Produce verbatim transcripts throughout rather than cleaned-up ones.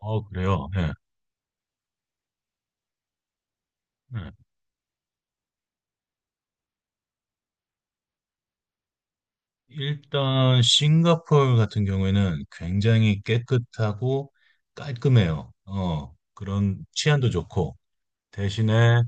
어, 그래요. 예. 예. 일단 싱가포르 같은 경우에는 굉장히 깨끗하고 깔끔해요. 어, 그런 치안도 좋고 대신에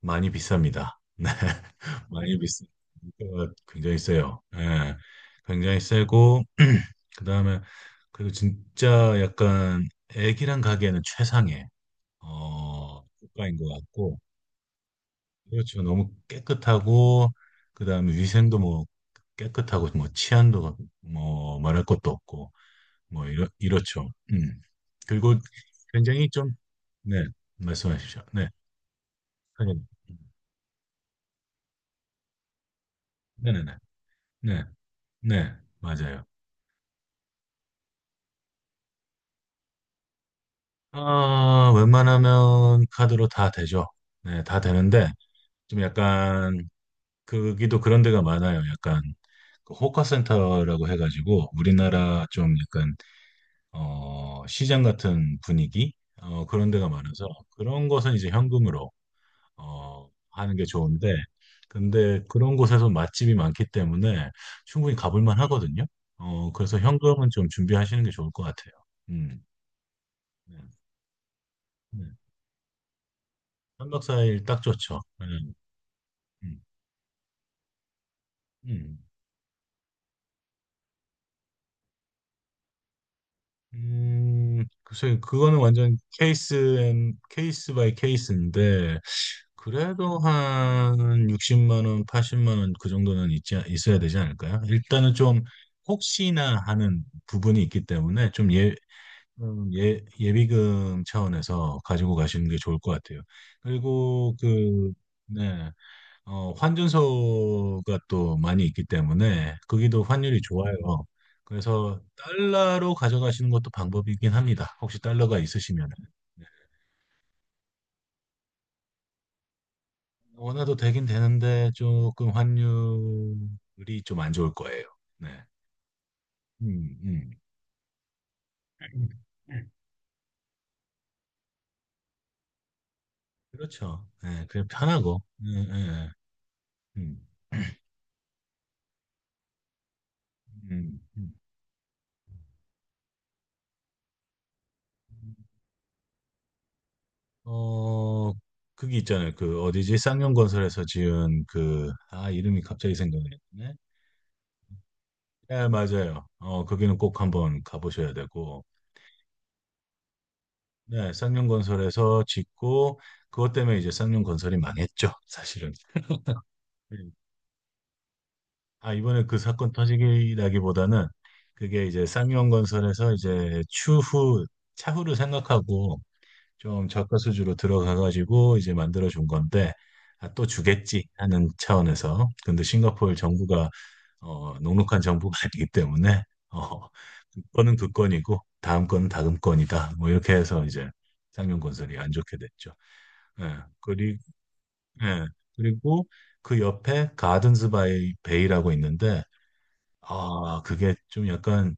많이 비쌉니다. 네. 많이 비싸. 물가가 굉장히 세요. 예. 굉장히 세고 그다음에, 그리고 진짜 약간 애기랑 가기에는 최상의 어, 국가인 것 같고. 그렇죠. 너무 깨끗하고, 그다음에 위생도 뭐 깨끗하고 뭐 치안도 뭐 말할 것도 없고 뭐 이렇 이렇죠. 음. 그리고 굉장히 좀, 네, 말씀하십시오. 네. 선생님. 네, 네, 네. 네. 네. 맞아요. 아, 웬만하면 카드로 다 되죠. 네, 다 되는데 좀 약간 거기도 그런 데가 많아요. 약간 그 호카센터라고 해가지고 우리나라 좀 약간 어, 시장 같은 분위기, 어, 그런 데가 많아서 그런 것은 이제 현금으로 어, 하는 게 좋은데 근데 그런 곳에서 맛집이 많기 때문에 충분히 가볼 만 하거든요. 어, 그래서 현금은 좀 준비하시는 게 좋을 것 같아요. 음. 네. 네. 삼 박사일 딱 좋죠. 네. 음. 음. 음, 글쎄, 그거는 완전 케이스 앤 케이스 바이 케이스인데 그래도 한 육십만 원, 팔십만 원 그 정도는 있지 있어야 되지 않을까요? 일단은 좀 혹시나 하는 부분이 있기 때문에 좀, 예, 음, 예, 예비금 차원에서 가지고 가시는 게 좋을 것 같아요. 그리고 그, 네. 어, 환준소가 또 많이 있기 때문에 거기도 환율이 좋아요. 그래서 달러로 가져가시는 것도 방법이긴 합니다. 혹시 달러가 있으시면. 네. 원화도 되긴 되는데 조금 환율이 좀 안 좋을 거예요. 네. 음, 음. 음. 그렇죠. 네, 그냥 편하고. 네, 네, 네. 음, 음, 음. 어, 그게 있잖아요. 그 어디지? 쌍용건설에서 지은, 그, 아, 이름이 갑자기 생각나네. 네, 맞아요. 어, 거기는 꼭 한번 가보셔야 되고, 네, 쌍용건설에서 짓고, 그것 때문에 이제 쌍용건설이 망했죠, 사실은. 네. 아, 이번에 그 사건 터지기 나기보다는 그게 이제 쌍용건설에서 이제 추후, 차후를 생각하고 좀 저가 수주로 들어가가지고 이제 만들어 준 건데, 아, 또 주겠지 하는 차원에서. 근데 싱가포르 정부가 어, 녹록한 정부가 아니기 때문에, 어, 그거는 그 건이고 다음 건은 다음 건이다 뭐 이렇게 해서 이제 상용건설이 안 좋게 됐죠. 예, 그리, 예, 그리고 그 옆에 가든스 바이 베이라고 있는데, 아, 그게 좀 약간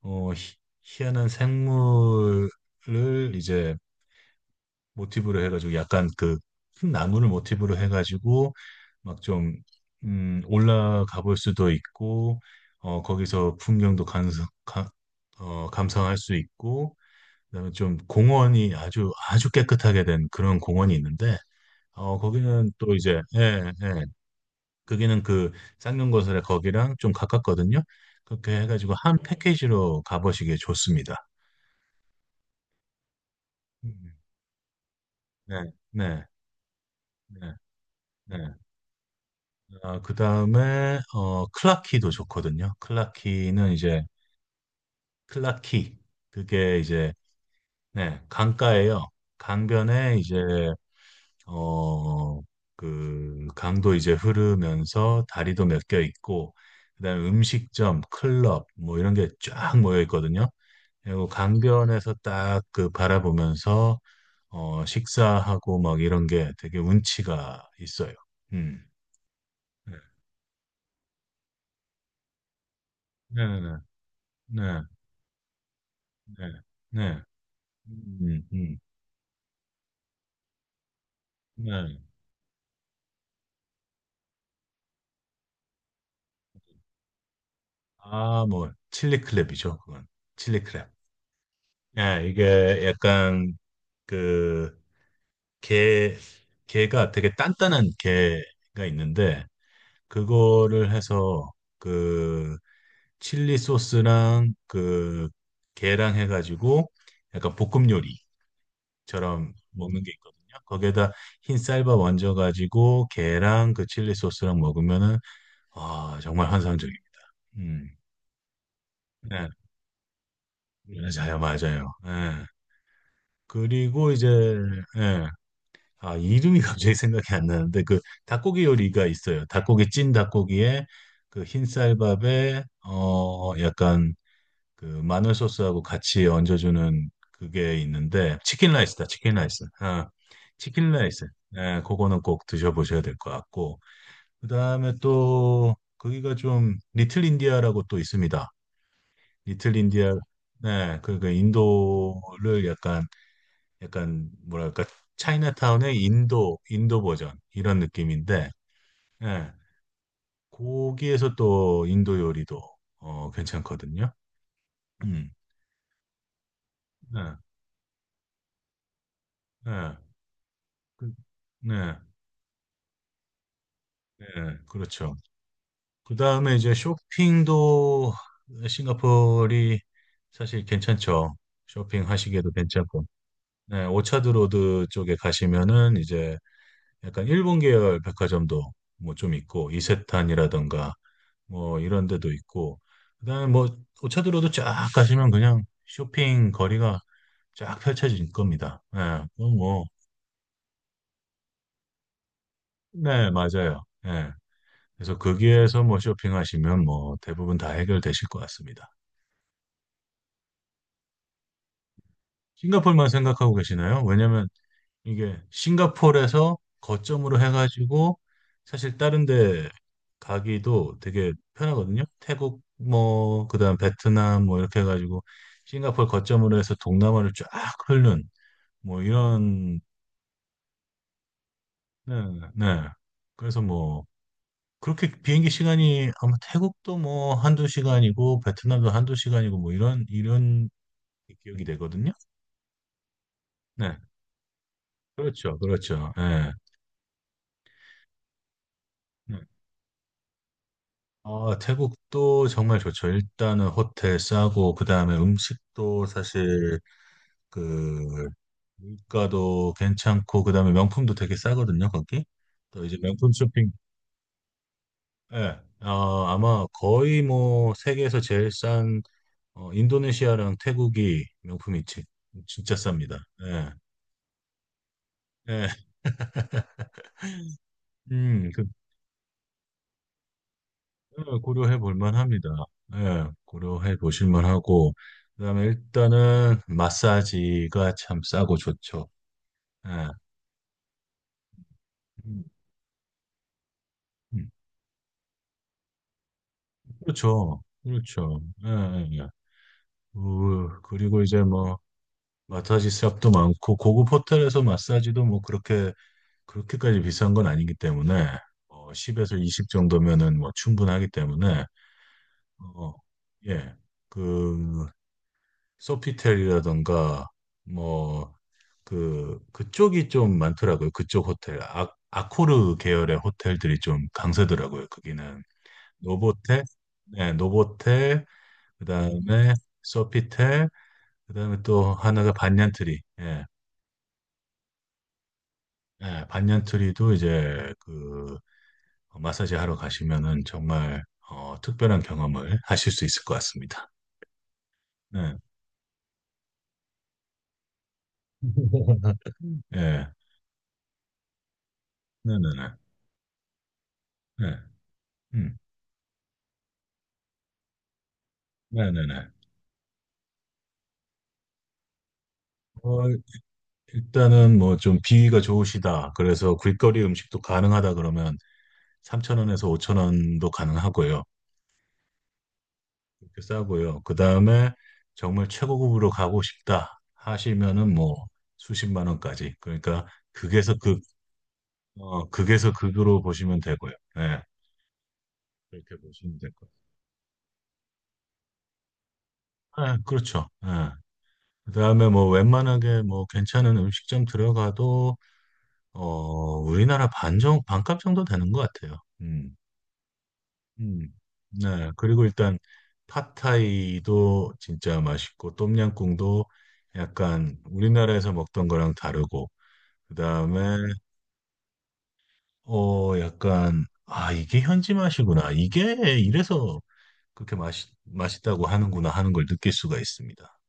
어, 희, 희한한 생물을 이제 모티브로 해가지고, 약간 그 큰 나무를 모티브로 해가지고 막 좀, 음, 올라가 볼 수도 있고, 어, 거기서 풍경도 감상, 가, 어, 감상할 수 있고, 그다음에 좀 공원이 아주 아주 깨끗하게 된 그런 공원이 있는데, 어, 거기는 또 이제, 예, 예, 거기는 그 쌍용거설의 거기랑 좀 가깝거든요. 그렇게 해가지고 한, 네. 패키지로 가보시기에 좋습니다. 음, 네, 네, 네, 네. 아, 그 다음에 어 클라키도 좋거든요. 클라키는 이제, 클라키, 그게 이제 네 강가예요. 강변에 이제, 어 그 강도 이제 흐르면서 다리도 몇 개 있고 그다음에 음식점, 클럽 뭐 이런 게 쫙 모여 있거든요. 그리고 강변에서 딱 그 바라보면서 어 식사하고 막 이런 게 되게 운치가 있어요. 음. 네, 네, 네, 네, 네. 네. 음, 음, 네. 아, 뭐, 칠리 클랩이죠 그건. 칠리 클랩, 예, 이게 약간, 그, 게, 게가 되게 단단한 게가 있는데, 그거를 해서, 그, 칠리 소스랑, 그, 게랑 해가지고, 약간 볶음 요리처럼 먹는 게 있거든요. 거기에다 흰 쌀밥 얹어가지고, 게랑 그 칠리 소스랑 먹으면은, 아, 정말 환상적입니다. 음. 네. 맞아요, 맞아요. 예. 그리고 이제, 예. 아, 이름이 갑자기 생각이 안 나는데, 그 닭고기 요리가 있어요. 닭고기, 찐 닭고기에, 그 흰쌀밥에, 어, 약간 그 마늘 소스하고 같이 얹어주는 그게 있는데, 치킨 라이스다, 치킨 라이스. 아, 치킨 라이스. 예, 그거는 꼭 드셔보셔야 될 것 같고. 그 다음에 또, 거기가 좀, 리틀 인디아라고 또 있습니다. 리틀 인디아, 네, 그, 그 인도를 약간 약간 뭐랄까, 차이나타운의 인도 인도 버전 이런 느낌인데. 예. 거기에서 또 인도 요리도 어 괜찮거든요. 음. 네. 네. 그- 네. 네. 그렇죠. 그다음에 이제 쇼핑도, 싱가포르이 사실 괜찮죠. 쇼핑하시기에도 괜찮고. 네, 오차드 로드 쪽에 가시면은 이제 약간 일본 계열 백화점도 뭐 좀 있고 이세탄이라던가 뭐 이런 데도 있고, 그다음에 뭐 오차도로도 쫙 가시면 그냥 쇼핑 거리가 쫙 펼쳐질 겁니다. 예, 그 뭐, 네, 맞아요. 예. 그래서 거기에서 뭐 쇼핑하시면 뭐 대부분 다 해결되실 것 같습니다. 싱가포르만 생각하고 계시나요? 왜냐면 이게 싱가포르에서 거점으로 해가지고 사실 다른 데 가기도 되게 편하거든요. 태국 뭐, 그다음 베트남 뭐 이렇게 해가지고 싱가포르 거점으로 해서 동남아를 쫙 흐르는 뭐 이런. 네, 네. 그래서 뭐 그렇게 비행기 시간이 아마 태국도 뭐 한두 시간이고 베트남도 한두 시간이고 뭐 이런 이런 기억이 되거든요. 네. 그렇죠. 그렇죠. 네. 네. 아, 태국도 정말 좋죠. 일단은 호텔 싸고 그다음에 음식도 사실 그, 물가도 괜찮고 그다음에 명품도 되게 싸거든요. 거기. 또 이제 명품 쇼핑, 예. 아, 아마 거의 뭐 세계에서 제일 싼, 어, 인도네시아랑 태국이 명품이 지- 진짜 쌉니다. 예. 예. 음, 그, 어, 고려해 볼 만합니다. 예. 고려해 보실 만하고 그다음에 일단은 마사지가 참 싸고 좋죠. 예. 음, 음. 그렇죠. 그렇죠. 예, 예, 예. 그- 그리고 이제 뭐 마사지 샵도 많고 고급 호텔에서 마사지도 뭐 그렇게 그렇게까지 비싼 건 아니기 때문에 어, 십에서 이십 정도면은 뭐 충분하기 때문에, 어, 예. 그, 소피텔이라던가, 뭐, 그, 그쪽이 좀 많더라고요. 그쪽 호텔. 아, 아코르 계열의 호텔들이 좀 강세더라고요. 거기는. 노보텔, 네, 노보텔, 그 다음에 소피텔, 그 다음에 또 하나가 반얀트리. 예. 예, 반얀트리도 이제 그, 마사지 하러 가시면은 정말, 어, 특별한 경험을 하실 수 있을 것 같습니다. 네. 예. 네네네. 네. 음. 네네네. 어, 일단은 뭐 좀 비위가 좋으시다. 그래서 길거리 음식도 가능하다 그러면 삼천 원에서오천 원도 가능하고요. 이렇게 싸고요. 그 다음에 정말 최고급으로 가고 싶다 하시면은 뭐 수십만 원까지. 그러니까 극에서 극, 어, 극에서 극으로 보시면 되고요. 예. 그렇게 보시면 될 거예요. 예, 그렇죠. 예. 그 다음에 뭐 웬만하게 뭐 괜찮은 음식점 들어가도 어, 우리나라 반 정, 반값 정도 되는 것 같아요. 음, 음. 네. 그리고 일단 팟타이도 진짜 맛있고 똠양꿍도 약간 우리나라에서 먹던 거랑 다르고 그다음에 어 약간, 아, 이게 현지 맛이구나. 이게 이래서 그렇게 맛이 맛있다고 하는구나 하는 걸 느낄 수가 있습니다.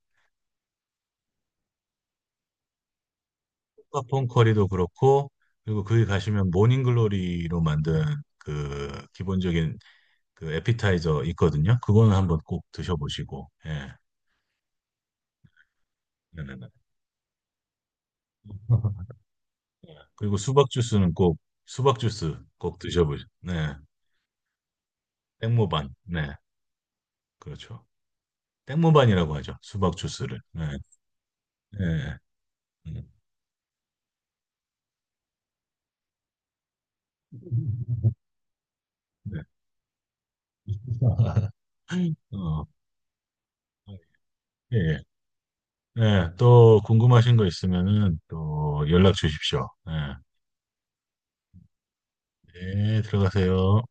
팟폰 커리도 그렇고, 그리고 거기 가시면 모닝글로리로 만든 그 기본적인 그 에피타이저 있거든요. 그거는 한번 꼭 드셔보시고, 예. 네네네. 그리고 수박 주스는 꼭, 수박 주스 꼭 드셔보시고, 네. 땡모반, 네. 그렇죠. 땡모반이라고 하죠. 수박 주스를. 네. 예. 음. 네. 어, 예, 예. 네, 또 궁금하신 거 있으면은 또 연락 주십시오. 네, 네, 들어가세요.